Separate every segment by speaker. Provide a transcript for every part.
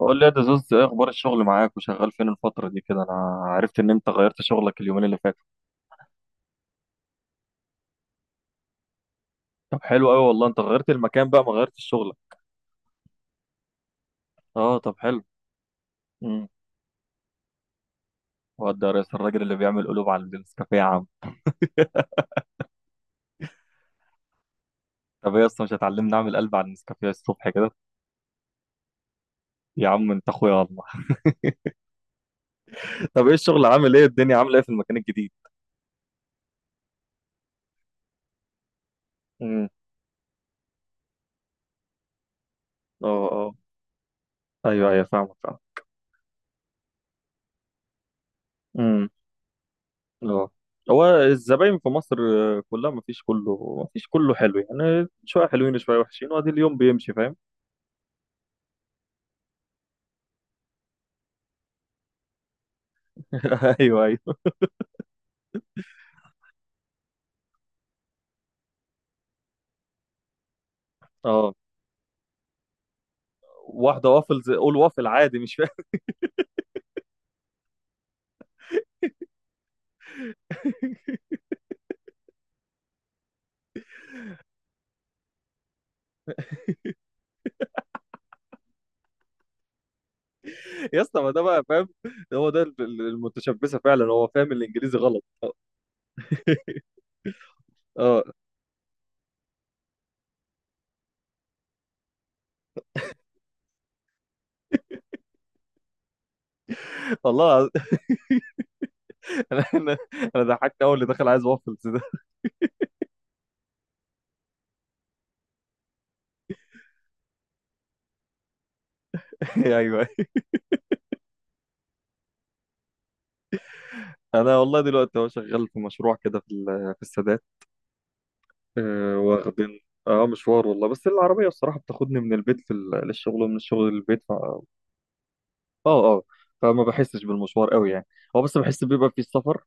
Speaker 1: قول لي يا دزوز، ايه اخبار الشغل معاك وشغال فين الفترة دي كده؟ انا عرفت ان انت غيرت شغلك اليومين اللي فاتوا. طب حلو قوي والله، انت غيرت المكان بقى، ما غيرتش شغلك. اه، طب حلو. امم. وده يا ريس الراجل اللي بيعمل قلوب على النسكافيه يا عم؟ طب ايه اصلا، مش هتعلمني اعمل قلب على النسكافيه الصبح كده؟ يا عم انت اخويا والله. طب ايه الشغل عامل ايه، الدنيا عامله ايه في المكان الجديد؟ امم. اه. اه. ايوه ايوه، فاهمك، فاهم. امم. اه. هو الزباين في مصر كلها ما فيش، كله حلو يعني، شويه حلوين شويه وحشين، وادي اليوم بيمشي فاهم. ايوه ايوه. اه، واحده وافلز، قول وافل عادي، مش فاهم. يا اسطى ما ده بقى فاهم. هو ده المتشبثه فعلا، هو فاهم الانجليزي غلط، اه. آه. والله العظيم. انا انا أنا ضحكت اول اللي دخل عايز وافلز ده. ايوه. انا والله دلوقتي هو شغال في مشروع كده في السادات. واخدين. اه، مشوار والله، بس العربيه الصراحه بتاخدني من البيت للشغل ومن الشغل للبيت. اه، اه. فما بحسش بالمشوار قوي يعني. هو بس بحس بيبقى في السفر،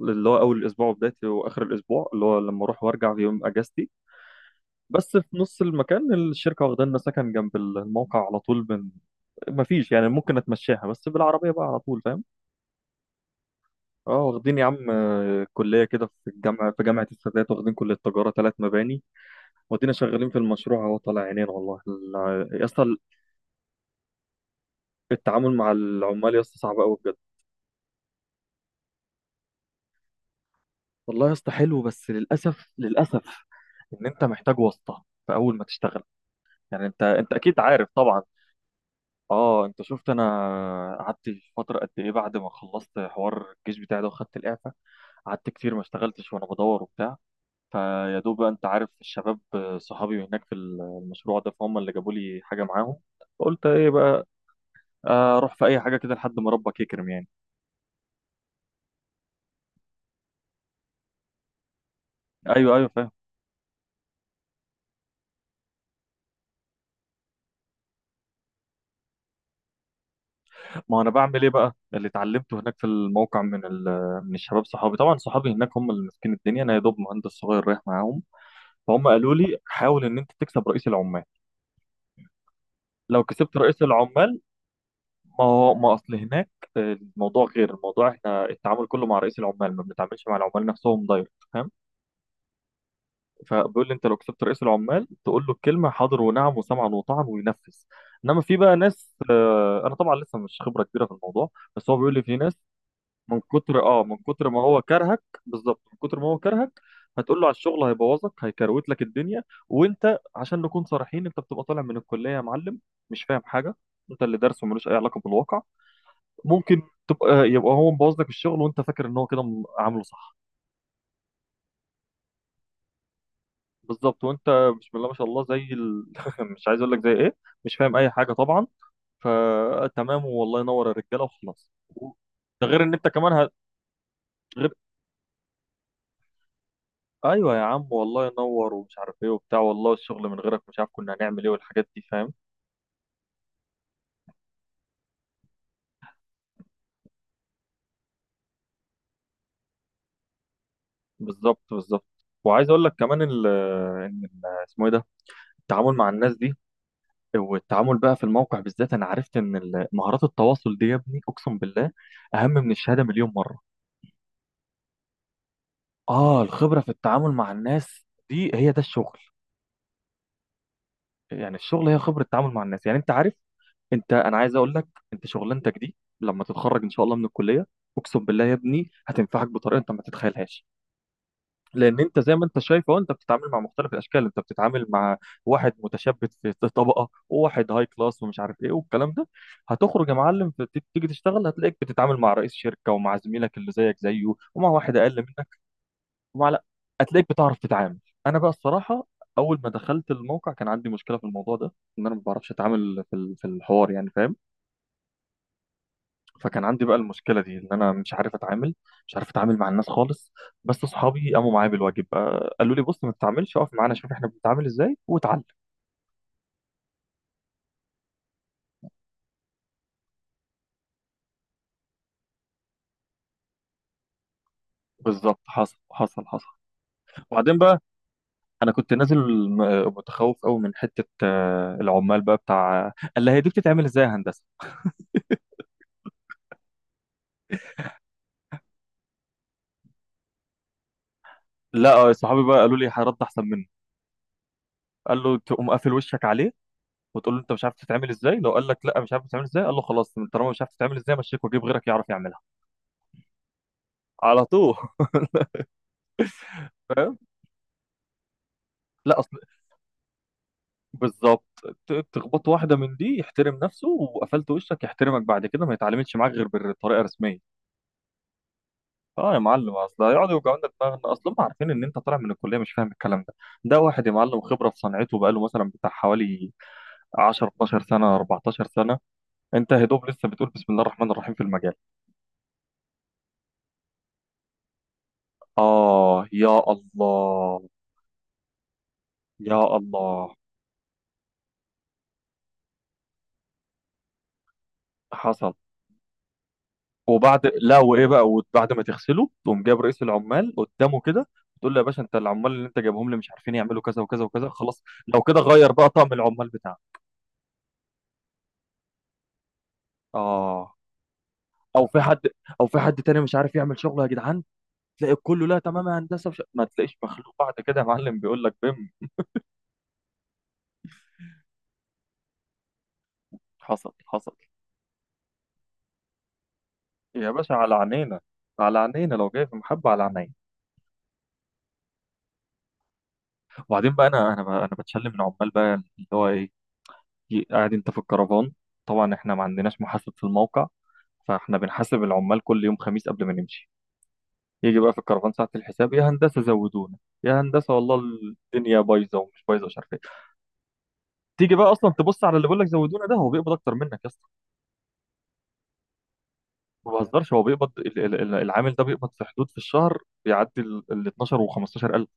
Speaker 1: اللي هو اول الاسبوع وبدايته واخر الاسبوع، اللي هو لما اروح وارجع في يوم اجازتي. بس في نص المكان الشركه واخده لنا سكن جنب الموقع على طول من. ما فيش يعني، ممكن اتمشاها بس بالعربيه بقى على طول فاهم. اه، واخدين يا عم كليه كده في الجامعه، في جامعه السادات، واخدين كليه تجاره ثلاث مباني. وادينا شغالين في المشروع اهو، طالع عينينا والله، يا اسطى. التعامل مع العمال يا اسطى صعب قوي بجد. والله يا اسطى حلو، بس للاسف، للاسف، ان انت محتاج واسطه في اول ما تشتغل. يعني انت اكيد عارف طبعا. اه، انت شفت، انا قعدت فتره قد ايه بعد ما خلصت حوار الجيش بتاعي ده وخدت الاعفاء. قعدت كتير ما اشتغلتش وانا بدور وبتاع. فيا دوب بقى، انت عارف الشباب صحابي هناك في المشروع ده، فهم اللي جابوا لي حاجه معاهم. قلت ايه بقى، اروح في اي حاجه كده لحد ما ربك يكرم يعني. ايوه ايوه، فاهم. ما انا بعمل ايه بقى اللي اتعلمته هناك في الموقع من الشباب صحابي، طبعا صحابي هناك هم اللي ماسكين الدنيا، انا يا دوب مهندس صغير رايح معاهم. فهم قالوا لي حاول ان انت تكسب رئيس العمال. لو كسبت رئيس العمال، ما هو ما اصل هناك الموضوع غير، الموضوع احنا التعامل كله مع رئيس العمال، ما بنتعاملش مع العمال نفسهم دايركت فاهم. فبيقول لي انت لو كسبت رئيس العمال تقول له الكلمه حاضر ونعم وسمعا وطاعا وينفذ. انما في بقى ناس، انا طبعا لسه مش خبره كبيره في الموضوع، بس هو بيقول لي في ناس من كتر من كتر ما هو كرهك، بالظبط من كتر ما هو كرهك، هتقول له على الشغل هيبوظك، هيكروت لك الدنيا. وانت عشان نكون صريحين، انت بتبقى طالع من الكليه يا معلم، مش فاهم حاجه. انت اللي درسه ملوش اي علاقه بالواقع. ممكن تبقى يبقى هو مبوظ لك الشغل وانت فاكر ان هو كده عامله صح. بالظبط. وانت بسم الله ما شاء الله مش عايز اقول لك زي ايه، مش فاهم اي حاجه طبعا. فتمام والله، ينور الرجاله وخلاص. ده غير ان انت كمان غير. ايوه يا عم والله، ينور ومش عارف ايه وبتاع، والله الشغل من غيرك مش عارف كنا هنعمل ايه والحاجات دي فاهم. بالظبط، بالظبط. وعايز اقول لك كمان ان اسمه ايه ده، التعامل مع الناس دي، والتعامل بقى في الموقع بالذات. انا عرفت ان مهارات التواصل دي يا ابني اقسم بالله اهم من الشهاده مليون مره. اه، الخبره في التعامل مع الناس دي هي ده الشغل. يعني الشغل هي خبره التعامل مع الناس، يعني انت عارف، انا عايز اقول لك انت شغلانتك دي لما تتخرج ان شاء الله من الكليه، اقسم بالله يا ابني هتنفعك بطريقه انت ما تتخيلهاش. لان انت زي ما انت شايف اهو، انت بتتعامل مع مختلف الاشكال. انت بتتعامل مع واحد متشبث في طبقه، وواحد هاي كلاس، ومش عارف ايه والكلام ده. هتخرج يا معلم تيجي تشتغل، هتلاقيك بتتعامل مع رئيس شركه ومع زميلك اللي زيك زيه ومع واحد اقل منك. ومع لا، هتلاقيك بتعرف تتعامل. انا بقى الصراحه اول ما دخلت الموقع كان عندي مشكله في الموضوع ده، ان انا ما بعرفش اتعامل في الحوار يعني فاهم. فكان عندي بقى المشكله دي، ان انا مش عارف اتعامل، مش عارف اتعامل مع الناس خالص. بس اصحابي قاموا معايا بالواجب، قالوا لي بص ما تتعاملش، اقف معانا شوف احنا بنتعامل ازاي واتعلم. بالظبط، حصل حصل حصل. وبعدين بقى انا كنت نازل متخوف قوي من حته، العمال بقى بتاع. قال لي هي دي بتتعمل ازاي يا هندسه؟ لا، صحابي بقى قالوا لي هرد احسن منه. قال له تقوم قافل وشك عليه وتقول له انت مش عارف تتعمل ازاي، لو قال لك لا مش عارف تتعمل ازاي، قال له خلاص طالما مش عارف تتعمل ازاي، مشيك وجيب غيرك يعرف يعملها على طول. فاهم. لا اصل، بالظبط، تخبط واحده من دي يحترم نفسه، وقفلت وشك، يحترمك بعد كده ما يتعاملش معاك غير بالطريقه الرسميه. اه يا معلم، اصل هيقعدوا يوجعوا لنا دماغنا، اصل هم عارفين ان انت طالع من الكليه مش فاهم الكلام ده. ده واحد يا معلم خبره في صنعته، بقاله مثلا بتاع حوالي 10 12 سنه 14 سنه، انت يا دوب لسه بتقول بسم الله الرحمن الرحيم في المجال. اه يا الله، يا الله، حصل. وبعد لا، وايه بقى، وبعد ما تغسله تقوم جايب رئيس العمال قدامه كده، تقول له يا باشا انت العمال اللي انت جايبهم لي مش عارفين يعملوا كذا وكذا وكذا، خلاص لو كده غير بقى طقم العمال بتاعك. اه، او في حد او في حد تاني مش عارف يعمل شغله يا جدعان، تلاقي كله لا تمام يا هندسه، مش... ما تلاقيش مخلوق بعد كده يا معلم بيقول لك بم. حصل، حصل. يا باشا على عينينا، على عينينا لو جاي في محبه على عينينا. وبعدين بقى انا بتشلم من عمال بقى، اللي هو ايه، قاعد انت في الكرفان. طبعا احنا ما عندناش محاسب في الموقع، فاحنا بنحاسب العمال كل يوم خميس قبل ما نمشي. يجي بقى في الكرفان ساعة الحساب، يا هندسة زودونا، يا هندسة والله الدنيا بايظة، ومش بايظة مش عارف ايه. تيجي بقى اصلا تبص على اللي بيقول لك زودونا، ده هو بيقبض اكتر منك يا اسطى. ما بهزرش، هو بيقبض العامل ده بيقبض في حدود في الشهر، بيعدي ال 12 و 15,000.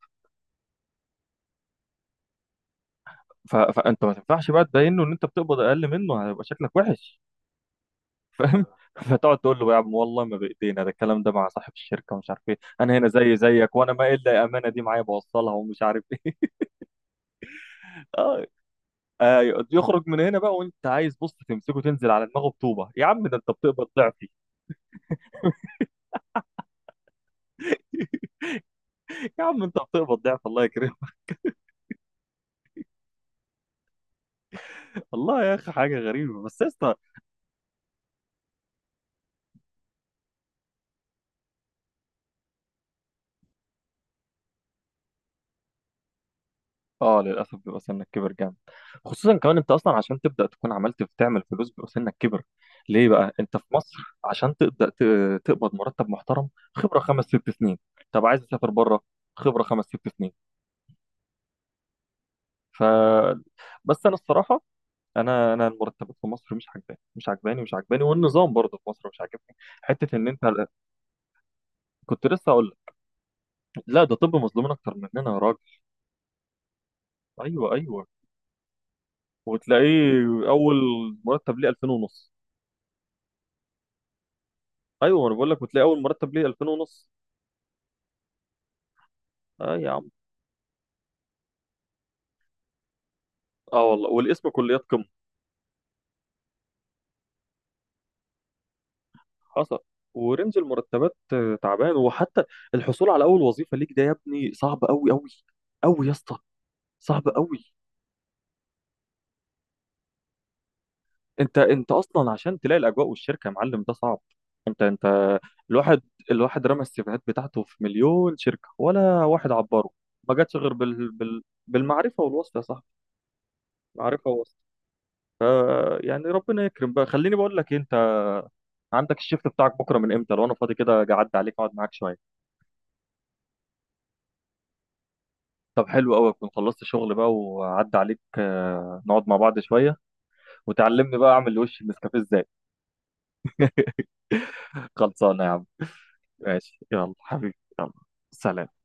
Speaker 1: فانت ما تنفعش بقى تبينه ان انت بتقبض اقل منه، هيبقى شكلك وحش فاهم. فتقعد تقول له يا عم والله ما بايدينا ده الكلام ده، مع صاحب الشركه ومش عارف ايه، انا هنا زي زيك، وانا ما الا الامانه دي معايا بوصلها ومش عارف ايه. آه، يخرج من هنا بقى وانت عايز بص تمسكه تنزل على دماغه بطوبه، يا عم ده انت بتقبض ضعفي. يا عم انت بتقبض ضعف، الله يكرمك. والله يا اخي حاجه غريبه بس يا اسطى. اه للاسف، بيبقى سنك كبر جامد. خصوصا كمان انت اصلا عشان تبدا تكون عملت تعمل فلوس، بيبقى سنك كبر. ليه بقى؟ انت في مصر عشان تبدا تقبض مرتب محترم، خبره خمس ست سنين. طب عايز تسافر بره؟ خبره خمس ست سنين. ف بس انا الصراحه، انا انا المرتبات في مصر مش عجباني، مش عجباني، مش عجباني، والنظام برضه في مصر مش عاجبني، حته ان انت. كنت لسه اقول لك، لا ده طب مظلومين اكتر مننا يا راجل. ايوه ايوه. وتلاقيه اول مرتب ليه 2000 ونص. ايوه انا بقول لك، وتلاقي اول مرتب ليه 2000 ونص. اه يا عم، اه والله، والاسم كليات قمه. حصل. ورينج المرتبات تعبان. وحتى الحصول على اول وظيفه ليك ده يا ابني صعب قوي، قوي، قوي يا اسطى. صعب قوي. انت اصلا عشان تلاقي الاجواء والشركه يا معلم ده صعب. انت الواحد، رمى السيفيهات بتاعته في مليون شركه ولا واحد عبره. ما جاتش غير بالمعرفه والوصف يا صاحبي، معرفه ووصف. ف يعني ربنا يكرم بقى. خليني بقول لك إيه، انت عندك الشيفت بتاعك بكره من امتى؟ لو انا فاضي كده اجي اعدي عليك اقعد معاك شويه. طب حلو قوي، اكون خلصت شغل بقى وعدي عليك، نقعد مع بعض شويه وتعلمني بقى اعمل وش النسكافيه ازاي. خلصانه يا عم. ماشي يلا حبيبي، يلا سلام.